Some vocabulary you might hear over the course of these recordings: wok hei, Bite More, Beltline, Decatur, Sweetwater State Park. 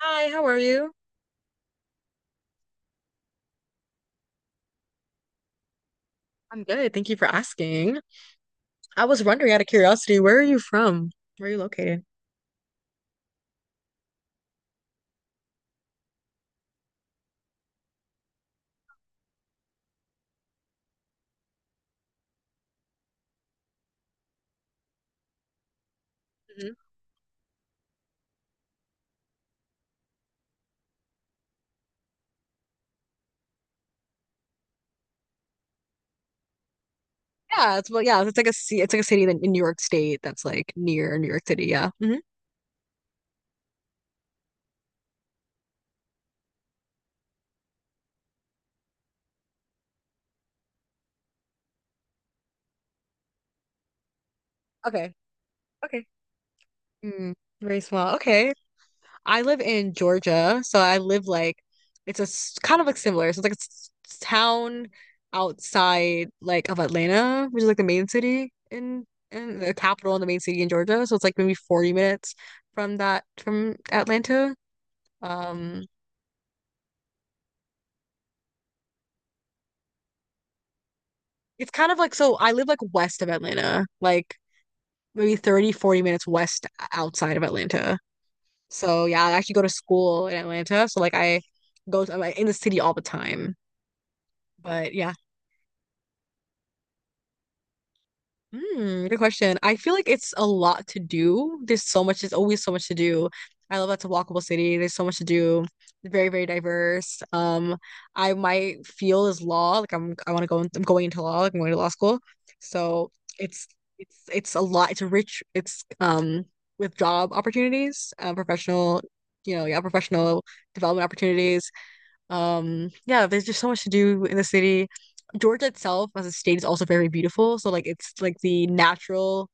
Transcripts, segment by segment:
Hi, how are you? I'm good. Thank you for asking. I was wondering out of curiosity, where are you from? Where are you located? Hmm. Yeah, it's well, yeah, it's like it's like a city in New York State that's like near New York City. Yeah. Hmm. Okay. Okay. Mm, very small. Okay. I live in Georgia, so I live like kind of like similar. So it's like town outside like of Atlanta, which is like the main city in the capital and the main city in Georgia. So it's like maybe 40 minutes from Atlanta. Um, it's kind of like so I live like west of Atlanta, like maybe 30, 40 minutes west outside of Atlanta. So yeah, I actually go to school in Atlanta. So like I I'm like, in the city all the time. But yeah, good question. I feel like it's a lot to do. There's always so much to do. I love that's a walkable city. There's so much to do. Very, very diverse. I my field is law, like I want to go in, I'm going into law, like I'm going to law school. So it's it's a lot. It's rich. It's with job opportunities, professional, yeah, professional development opportunities. Yeah, there's just so much to do in the city. Georgia itself as a state is also very beautiful. So like it's like the natural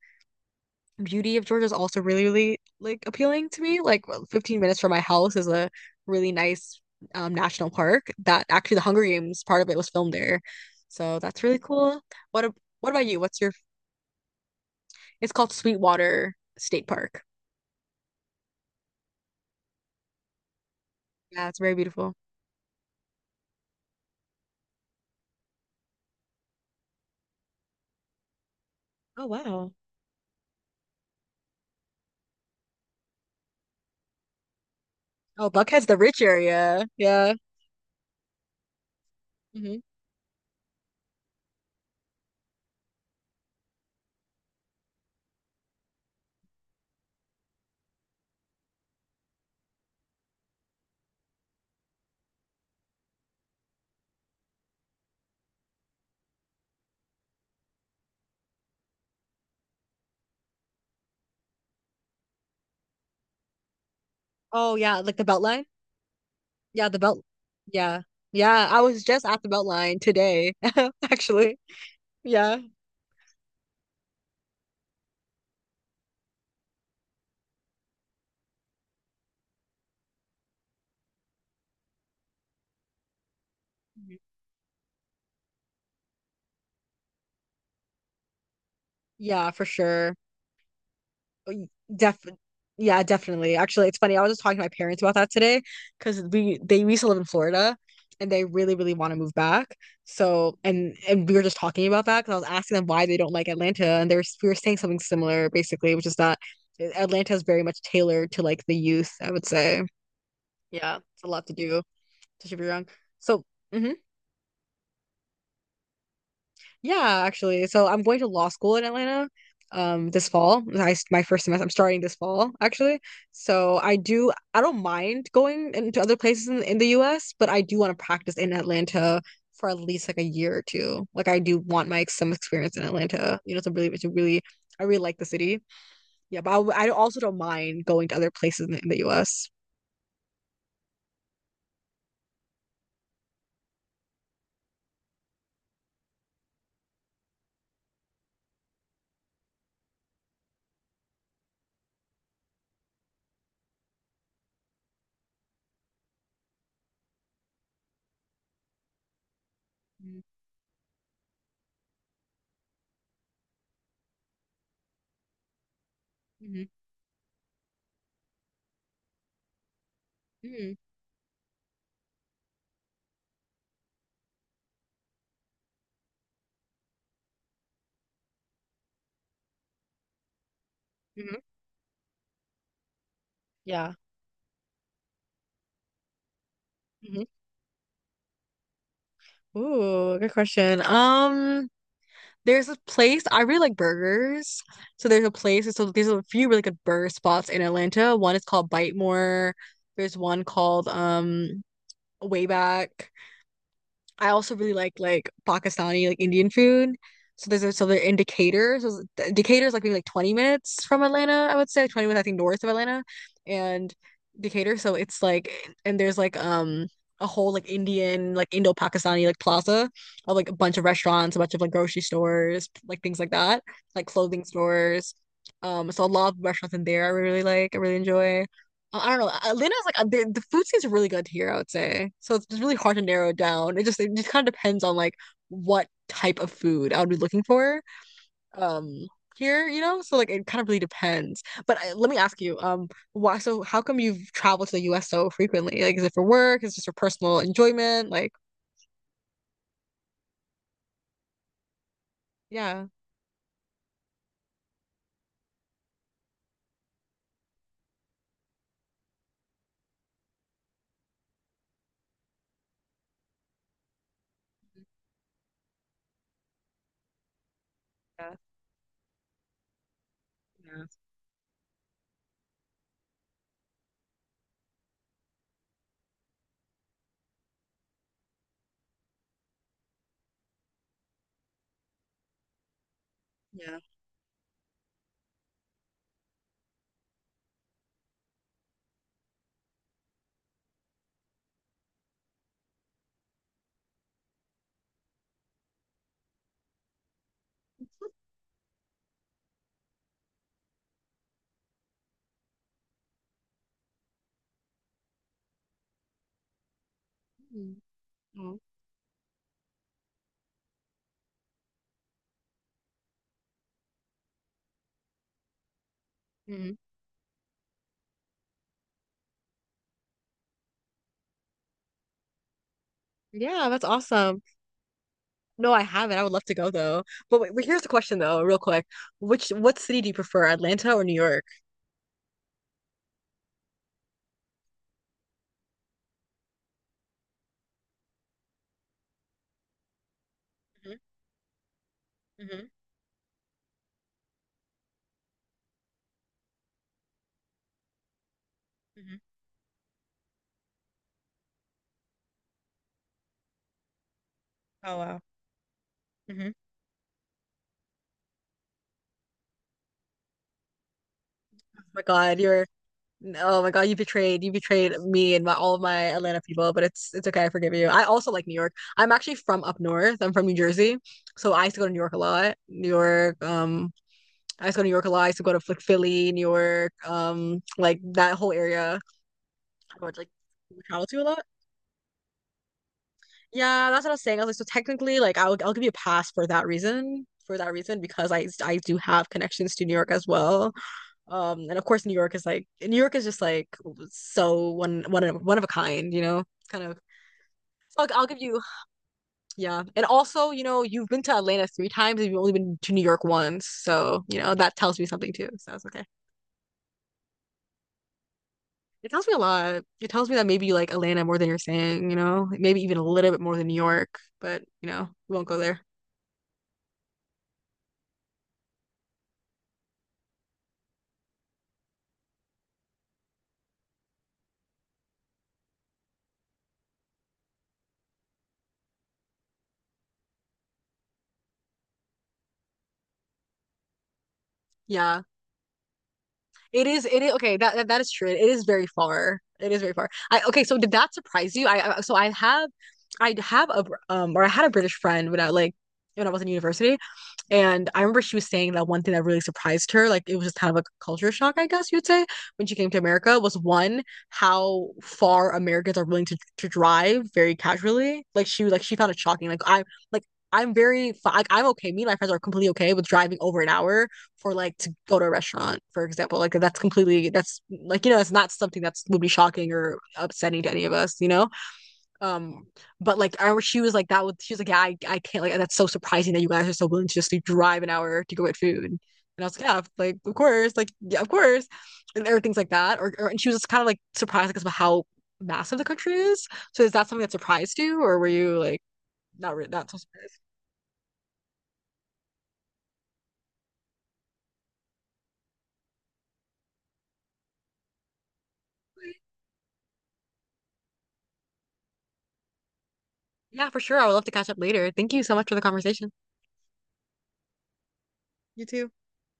beauty of Georgia is also really, really like appealing to me. Like well, 15 minutes from my house is a really nice national park that actually the Hunger Games part of it was filmed there. So that's really cool. What ab- what about you? What's your it's called Sweetwater State Park. Yeah, it's very beautiful. Oh, wow. Oh, Buckhead's the rich area. Yeah. Hmm. Oh yeah, like the Beltline. Yeah, the belt. Yeah. Yeah, I was just at the belt line today, actually. Yeah. Yeah, for sure. Y- Def yeah, definitely. Actually, it's funny. I was just talking to my parents about that today because we they used to live in Florida and they really, really want to move back. So and we were just talking about that because I was asking them why they don't like Atlanta and they're we were saying something similar basically, which is that Atlanta is very much tailored to like the youth, I would say. Yeah, it's a lot to do, especially if you're young. So mhm. Yeah, actually. So I'm going to law school in Atlanta this fall. My first semester I'm starting this fall actually. So I don't mind going into other places in the US, but I do want to practice in Atlanta for at least like a year or two. Like I do want my some experience in Atlanta, you know, to really I really like the city. Yeah, but I also don't mind going to other places in the US. Mm-hmm. Mm-hmm. Hmm. Yeah. Hmm. Ooh, good question. There's a place I really like burgers. So there's a place. So there's a few really good burger spots in Atlanta. One is called Bite More. There's one called Way I also really like Pakistani like Indian food. So they're in Decatur. So Decatur is like maybe like 20 minutes from Atlanta, I would say like, 20 minutes I think north of Atlanta and Decatur. So it's like and there's like a whole like Indian like Indo-Pakistani like plaza of like a bunch of restaurants, a bunch of like grocery stores, like things like that, like clothing stores. So a lot of restaurants in there I really really like, I really enjoy. I don't know. Atlanta's like the food scene's really good here, I would say. So it's really hard to narrow it down. It just kind of depends on like what type of food I would be looking for um here, you know? So like it kind of really depends. But let me ask you, why so how come you've traveled to the US so frequently? Like is it for work? Is it just for personal enjoyment? Like, yeah. Yeah, yeah. Yeah. Mm, mm, mm. Yeah, that's awesome. No, I haven't. I would love to go though. But wait, wait, here's the question though, real quick. Which what city do you prefer, Atlanta or New York? Hmm. Hmm. Oh wow. Hmm. Oh my God, you're oh my God, you betrayed me and my all of my Atlanta people, but it's okay, I forgive you. I also like New York. I'm actually from up north. I'm from New Jersey, so I used to go to New York a lot. I used to go to New York a lot. I used to go to like Philly, New York, like that whole area. I would like travel to a lot. Yeah, that's what I was saying. I was like, so technically, like I'll give you a pass for that reason. For that reason, because I do have connections to New York as well. And of course, New York is just like so one of a kind, you know, kind of. So I'll give you, yeah. And also, you've been to Atlanta three times and you've only been to New York once, so you know that tells me something too. So it's okay. It tells me a lot. It tells me that maybe you like Atlanta more than you're saying, maybe even a little bit more than New York, but we won't go there. Yeah. It is okay, that is true. It is very far. It is very far. So did that surprise you? I have a I had a British friend when I was in university and I remember she was saying that one thing that really surprised her, like it was just kind of like a culture shock, I guess you'd say, when she came to America, was one how far Americans are willing to drive very casually. Like she found it shocking. Like I like I'm very like I'm okay. Me and my friends are completely okay with driving over an hour for like to go to a restaurant, for example. Like that's like it's not something that's would be shocking or upsetting to any of us. Um, but like I she was like that with she was like, yeah, I can't like that's so surprising that you guys are so willing to just like, drive an hour to go get food. And I was like, yeah, like of course, like yeah, of course. And everything's like that. Or and she was kind of like surprised because like, of how massive the country is. So is that something that surprised you or were you like not so surprised? Yeah, for sure. I would love to catch up later. Thank you so much for the conversation. You too.